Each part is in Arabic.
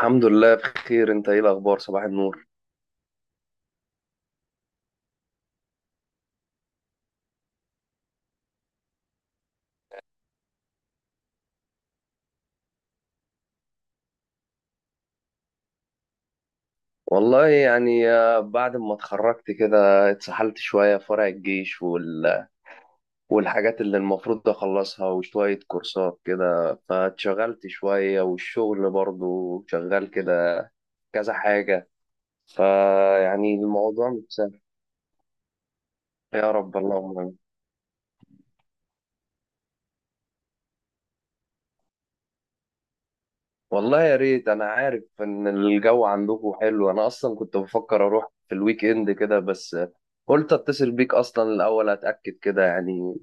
الحمد لله، بخير. انت ايه الاخبار؟ صباح النور. والله يعني، بعد ما اتخرجت كده اتسحلت شوية في ورق الجيش والحاجات اللي المفروض اخلصها وشوية كورسات كده فاتشغلت شوية، والشغل برضو شغال كده كذا حاجة. فيعني الموضوع مش سهل. يا رب اللهم آمين. والله يا ريت. انا عارف ان الجو عندكم حلو، انا اصلا كنت بفكر اروح في الويك اند كده، بس قلت اتصل بيك اصلا الاول اتاكد كده يعني.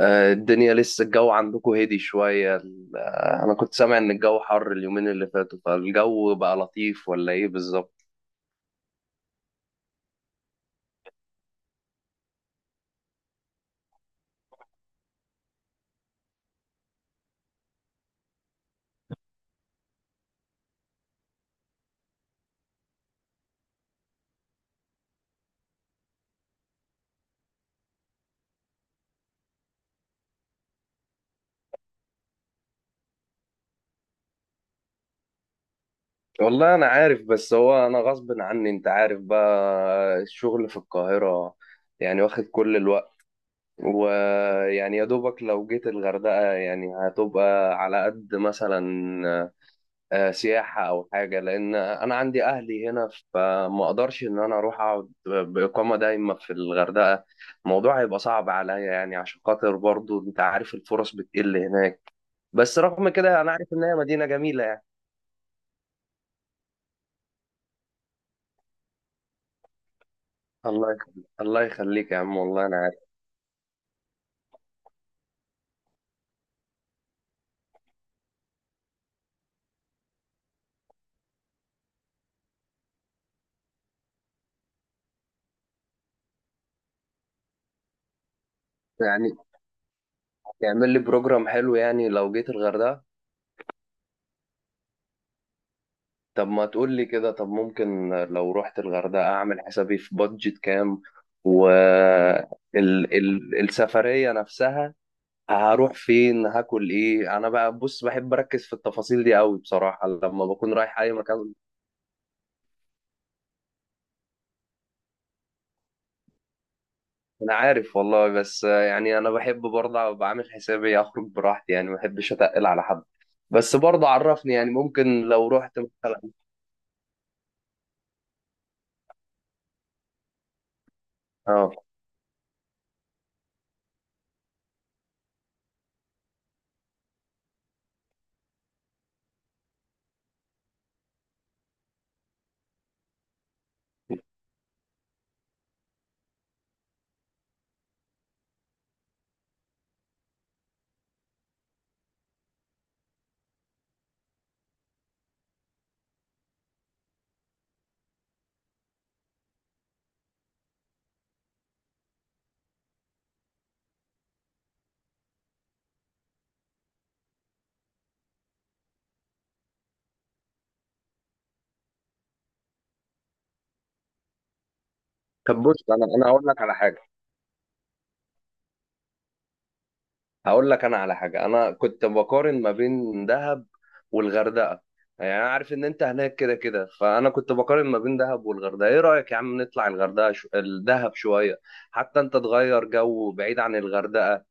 الدنيا لسه الجو عندكم هدي شوية. أنا كنت سامع إن الجو حر اليومين اللي فاتوا، فالجو بقى لطيف ولا إيه بالظبط؟ والله أنا عارف، بس هو أنا غصب عني، أنت عارف بقى الشغل في القاهرة يعني واخد كل الوقت. ويعني يا دوبك لو جيت الغردقة يعني هتبقى على قد مثلا سياحة أو حاجة، لأن أنا عندي أهلي هنا. فما أقدرش إن أنا أروح أقعد بإقامة دايمة في الغردقة. الموضوع هيبقى صعب عليا يعني، عشان خاطر برضو أنت عارف الفرص بتقل هناك. بس رغم كده أنا عارف إن هي مدينة جميلة يعني. الله يخليك، الله يخليك يا عم، والله أنا عارف. يعني تعمل لي بروجرام حلو يعني لو جيت الغردقة. طب ما تقول لي كده. طب ممكن لو رحت الغردقة أعمل حسابي في بادجت كام؟ و ال السفرية نفسها؟ هروح فين؟ هاكل ايه؟ انا بقى بص بحب اركز في التفاصيل دي قوي بصراحه لما بكون رايح اي مكان. انا عارف والله، بس يعني انا بحب برضه ابقى عامل حسابي اخرج براحتي يعني، ما بحبش اتقل على حد. بس برضه عرفني، يعني ممكن لو رحت مثلا. اه. طب بص، انا هقول لك على حاجه. انا كنت بقارن ما بين دهب والغردقه. يعني انا عارف ان انت هناك كده كده، فانا كنت بقارن ما بين دهب والغردقه. ايه رايك يا عم نطلع الدهب شويه؟ حتى انت تغير جو بعيد عن الغردقه.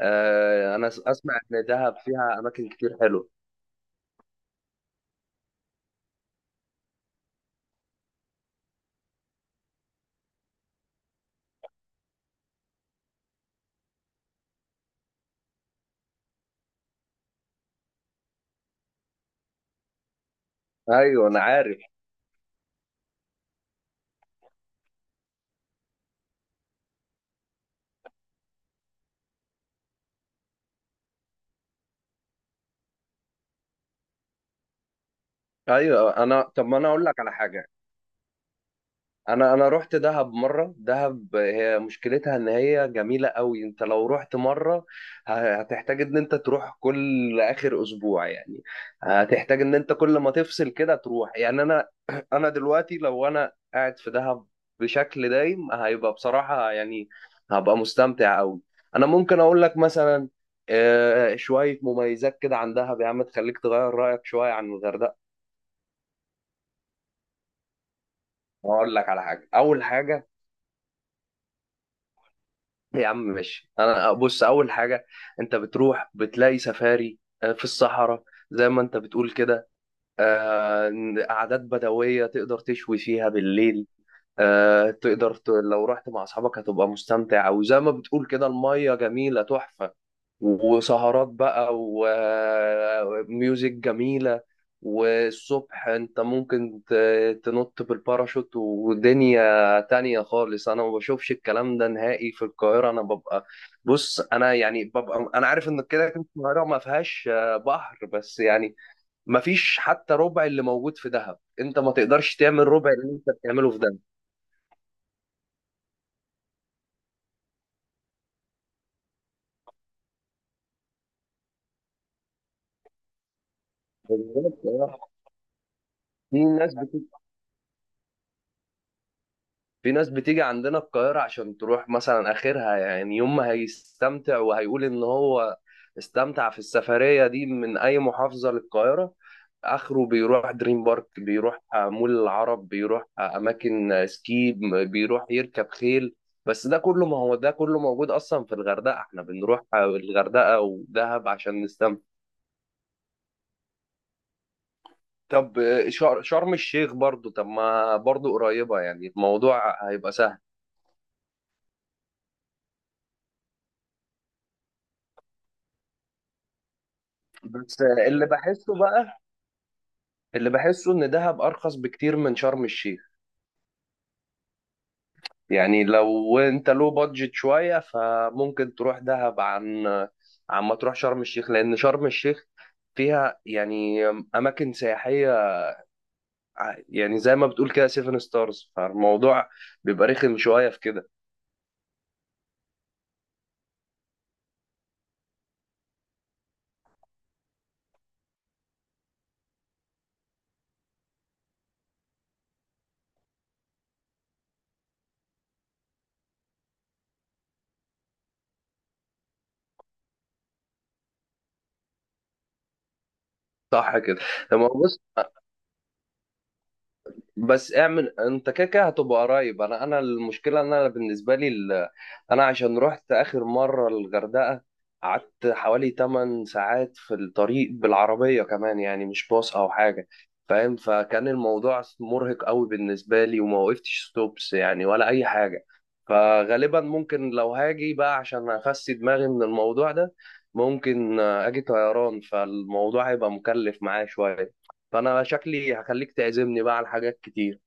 آه، انا اسمع ان دهب فيها اماكن كتير حلوه. ايوه، انا عارف. ايوه. طب ما انا اقول لك على حاجه. انا رحت دهب مره. دهب هي مشكلتها ان هي جميله قوي، انت لو رحت مره هتحتاج ان انت تروح كل اخر اسبوع يعني. هتحتاج ان انت كل ما تفصل كده تروح يعني. انا انا دلوقتي لو انا قاعد في دهب بشكل دايم، هيبقى بصراحه يعني هبقى مستمتع قوي. انا ممكن اقول لك مثلا شويه مميزات كده عن دهب يا عم، تخليك تغير رايك شويه عن الغردقه. اقول لك على حاجه. اول حاجه. يا عم ماشي. انا بص، اول حاجه: انت بتروح بتلاقي سفاري في الصحراء، زي ما انت بتقول كده. آه، قعدات بدويه تقدر تشوي فيها بالليل. لو رحت مع اصحابك هتبقى مستمتع، وزي ما بتقول كده الميه جميله تحفه. وسهرات بقى وميوزك جميلة. والصبح انت ممكن تنط بالباراشوت، ودنيا تانية خالص. انا ما بشوفش الكلام ده نهائي في القاهرة. انا ببقى، بص انا يعني ببقى، انا عارف ان كده كده القاهرة ما فيهاش بحر، بس يعني ما فيش حتى ربع اللي موجود في دهب. انت ما تقدرش تعمل ربع اللي انت بتعمله في دهب. بالظبط. آه. في ناس في ناس بتيجي عندنا القاهرة عشان تروح مثلا آخرها، يعني يوم ما هيستمتع وهيقول إن هو استمتع في السفرية دي من أي محافظة للقاهرة. آخره بيروح دريم بارك، بيروح مول العرب، بيروح أماكن سكي، بيروح يركب خيل. بس ده كله، ما هو ده كله موجود أصلا في الغردقة. إحنا بنروح الغردقة ودهب عشان نستمتع. طب شرم الشيخ برضو، طب ما برضو قريبة يعني الموضوع هيبقى سهل. بس اللي بحسه بقى اللي بحسه ان دهب ارخص بكتير من شرم الشيخ. يعني لو بادجت شوية، فممكن تروح دهب عن ما تروح شرم الشيخ، لان شرم الشيخ فيها يعني اماكن سياحية، يعني زي ما بتقول كده سيفن ستارز، فالموضوع بيبقى رخم شوية في كده. صح كده. لما بس اعمل انت كده كده هتبقى قريب. انا المشكله ان انا بالنسبه لي انا عشان رحت اخر مره الغردقه قعدت حوالي 8 ساعات في الطريق، بالعربيه كمان يعني، مش باص او حاجه. فاهم؟ فكان الموضوع مرهق قوي بالنسبه لي، وما وقفتش ستوبس يعني ولا اي حاجه. فغالبا ممكن لو هاجي بقى عشان افسي دماغي من الموضوع ده، ممكن اجي طيران، فالموضوع هيبقى مكلف معايا شويه. فانا شكلي هخليك تعزمني بقى على حاجات كتير.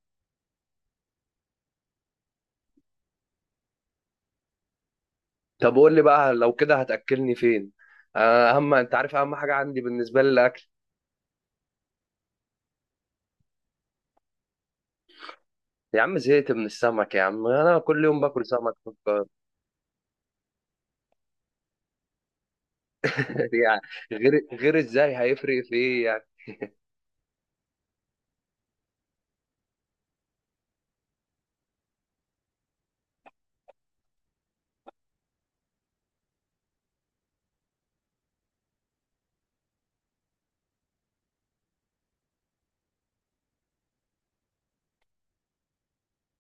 طب قول لي بقى، لو كده هتاكلني فين؟ اهم، انت عارف اهم حاجه عندي بالنسبه لي الاكل. يا عم زهقت من السمك. يا عم انا كل يوم باكل سمك في القاهرة. يعني غير غير ازاي؟ هيفرق في ايه يعني؟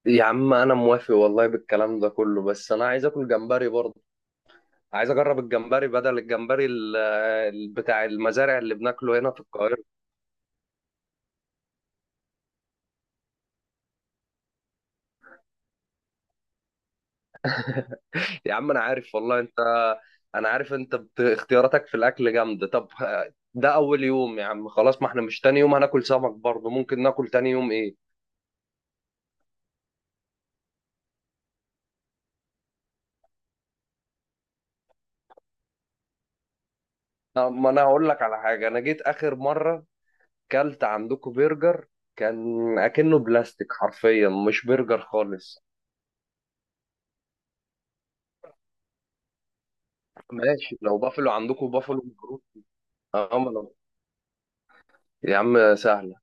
يا عم انا موافق والله بالكلام ده كله، بس انا عايز اكل جمبري برضه. عايز اجرب الجمبري بدل الجمبري بتاع المزارع اللي بناكله هنا في القاهره. يا عم انا عارف والله. انت انا عارف انت اختياراتك في الاكل جامده. طب ده اول يوم يا عم، خلاص ما احنا مش تاني يوم هناكل سمك برضه. ممكن ناكل تاني يوم ايه؟ ما انا هقول لك على حاجه. انا جيت اخر مره كلت عندكم برجر، كان اكنه بلاستيك حرفيا، مش برجر خالص. ماشي، لو بافلو عندكم بافلو مبروك. اه، ما يا عم سهله.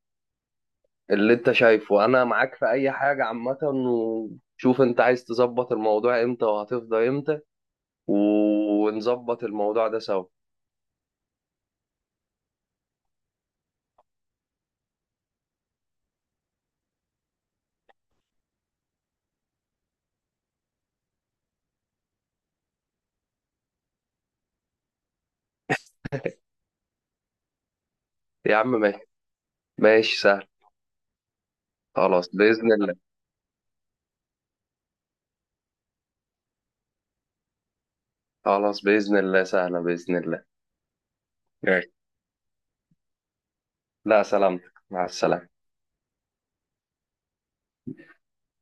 اللي انت شايفه انا معاك في اي حاجه عامه، وشوف انت عايز تظبط الموضوع امتى وهتفضى امتى ونظبط الموضوع ده سوا. يا عم ماشي. ماشي سهل. خلاص بإذن الله. خلاص بإذن الله، سهلة بإذن الله. ماشي. لا سلامتك. مع السلامة.